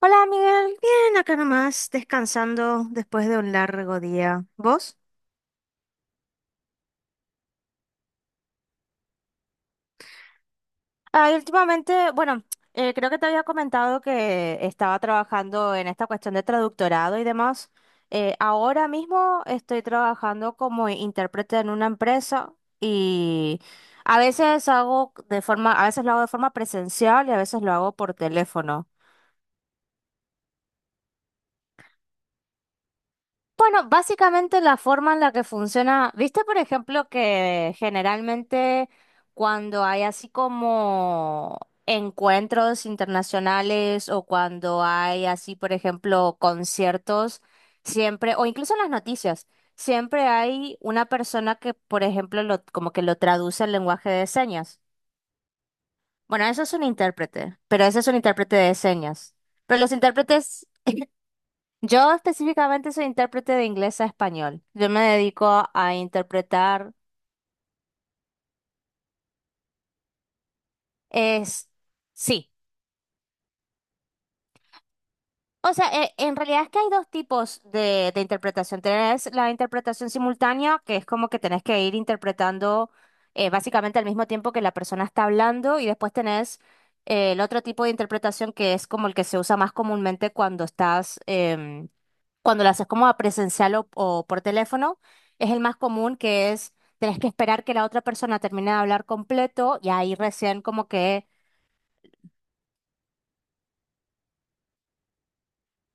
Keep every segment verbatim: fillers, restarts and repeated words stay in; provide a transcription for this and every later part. Hola, Miguel. Bien, acá nomás, descansando después de un largo día. ¿Vos? Ah, y últimamente, bueno, eh, creo que te había comentado que estaba trabajando en esta cuestión de traductorado y demás. Eh, ahora mismo estoy trabajando como intérprete en una empresa y a veces hago de forma, a veces lo hago de forma presencial y a veces lo hago por teléfono. Bueno, básicamente la forma en la que funciona, viste por ejemplo que generalmente cuando hay así como encuentros internacionales o cuando hay así por ejemplo conciertos, siempre, o incluso en las noticias, siempre hay una persona que por ejemplo lo, como que lo traduce al lenguaje de señas. Bueno, eso es un intérprete, pero ese es un intérprete de señas. Pero los intérpretes yo específicamente soy intérprete de inglés a español. Yo me dedico a interpretar es sí. O sea, e- en realidad es que hay dos tipos de, de interpretación. Tenés la interpretación simultánea, que es como que tenés que ir interpretando eh, básicamente al mismo tiempo que la persona está hablando, y después tenés eh, el otro tipo de interpretación que es como el que se usa más comúnmente cuando estás em, cuando lo haces como a presencial o, o por teléfono, es el más común que es, tenés que esperar que la otra persona termine de hablar completo y ahí recién como que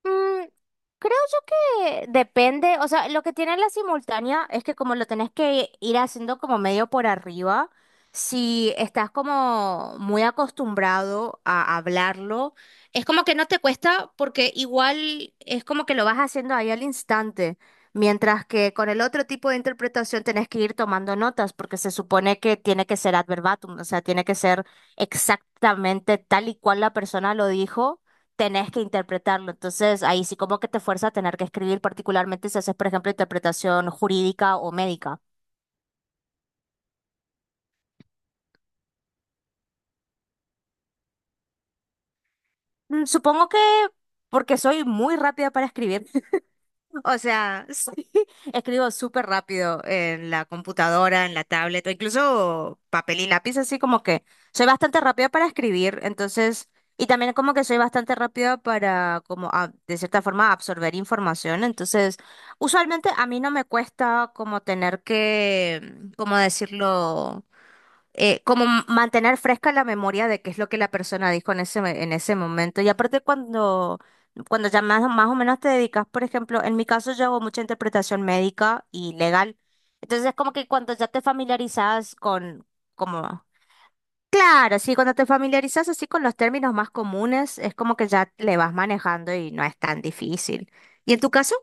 mm, creo yo que depende, o sea, lo que tiene la simultánea es que como lo tenés que ir haciendo como medio por arriba, si estás como muy acostumbrado a hablarlo, es como que no te cuesta porque igual es como que lo vas haciendo ahí al instante, mientras que con el otro tipo de interpretación tenés que ir tomando notas porque se supone que tiene que ser ad verbatim, o sea, tiene que ser exactamente tal y cual la persona lo dijo tenés que interpretarlo. Entonces, ahí sí como que te fuerza a tener que escribir, particularmente si haces, por ejemplo, interpretación jurídica o médica. Mm, supongo que porque soy muy rápida para escribir. O sea, sí, escribo súper rápido en la computadora, en la tablet, o incluso papel y lápiz, así como que soy bastante rápida para escribir, entonces, y también como que soy bastante rápida para, como, a- de cierta forma, absorber información, entonces, usualmente a mí no me cuesta como tener que, mm, ¿cómo decirlo? Eh, como m- mantener fresca la memoria de qué es lo que la persona dijo en ese, me- en ese momento. Y aparte cuando, cuando ya más, más o menos te dedicas, por ejemplo, en mi caso yo hago mucha interpretación médica y legal. Entonces es como que cuando ya te familiarizas con, como, claro, sí, cuando te familiarizas así con los términos más comunes, es como que ya le vas manejando y no es tan difícil. ¿Y en tu caso?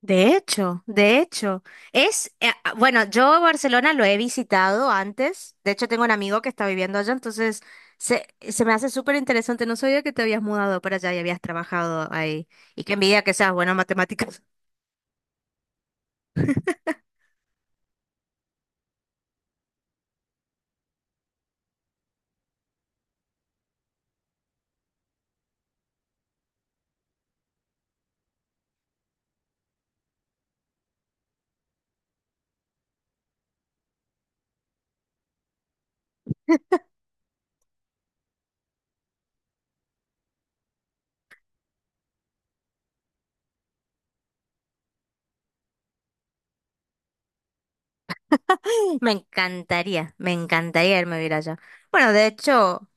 De hecho, de hecho, es, eh, ah, bueno, yo Barcelona lo he visitado antes, de hecho tengo un amigo que está viviendo allá, entonces se, se me hace súper interesante, no sabía que te habías mudado para allá y habías trabajado ahí, y qué envidia que seas buena en matemáticas. Me encantaría, me encantaría irme a vivir allá. Bueno, de hecho,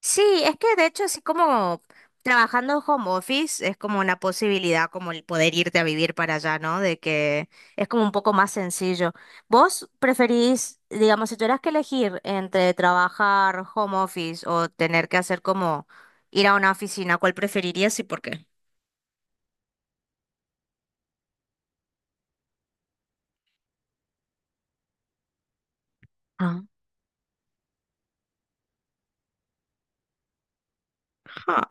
sí, es que de hecho así como trabajando home office es como una posibilidad como el poder irte a vivir para allá, ¿no? De que es como un poco más sencillo. ¿Vos preferís, digamos, si tuvieras que elegir entre trabajar home office o tener que hacer como ir a una oficina, ¿cuál preferirías y por qué? Ah. Ajá.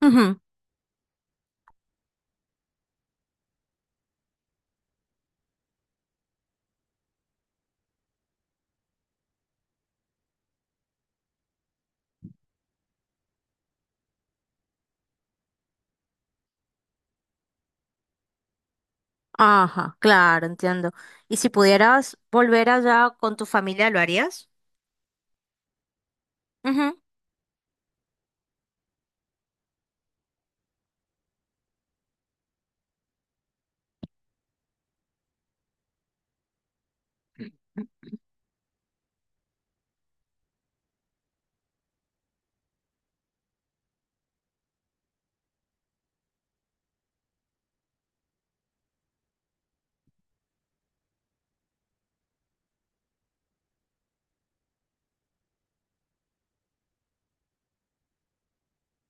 Ujú. Ajá, claro, entiendo. ¿Y si pudieras volver allá con tu familia, lo harías? Ujú.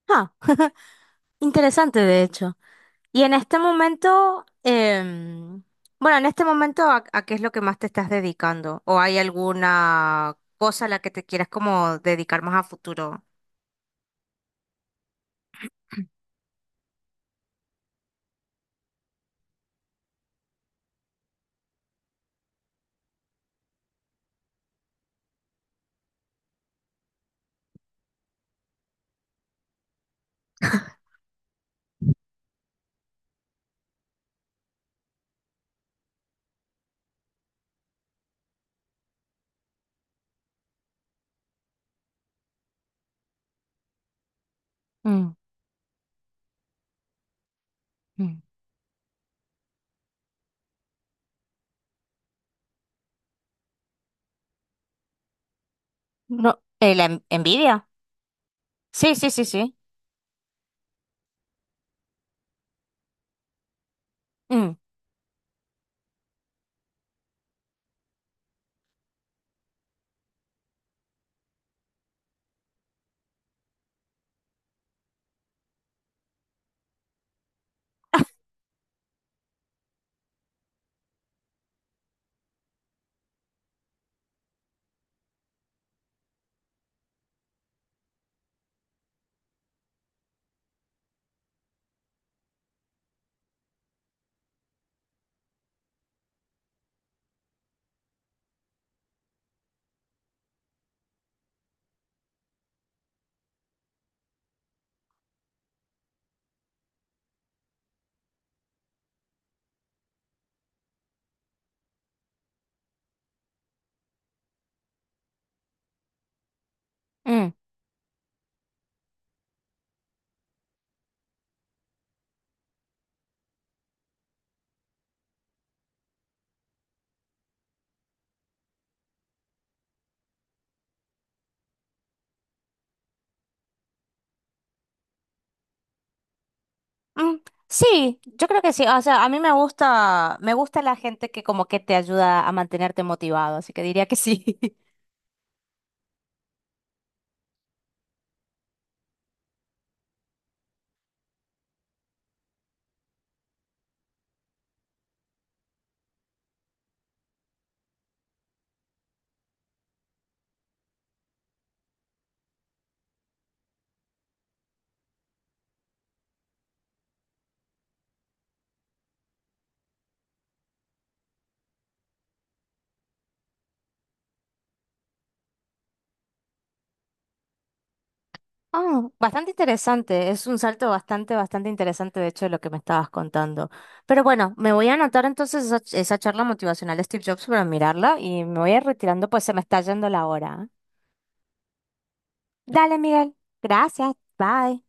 Ah, interesante de hecho. Y en este momento, em, bueno, en este momento, ¿a, a qué es lo que más te estás dedicando? ¿O hay alguna cosa a la que te quieras como dedicar más a futuro? Mm, mm. No, eh, la en- envidia. Sí, sí, sí, sí. Mm, mm, mm. Sí, yo creo que sí. O sea, a mí me gusta, me gusta la gente que como que te ayuda a mantenerte motivado, así que diría que sí. Ah, bastante interesante, es un salto bastante, bastante interesante de hecho de lo que me estabas contando. Pero bueno, me voy a anotar entonces esa, ch- esa charla motivacional de Steve Jobs para mirarla y me voy a ir retirando pues se me está yendo la hora. ¿Eh? Dale, Miguel. Gracias. Bye.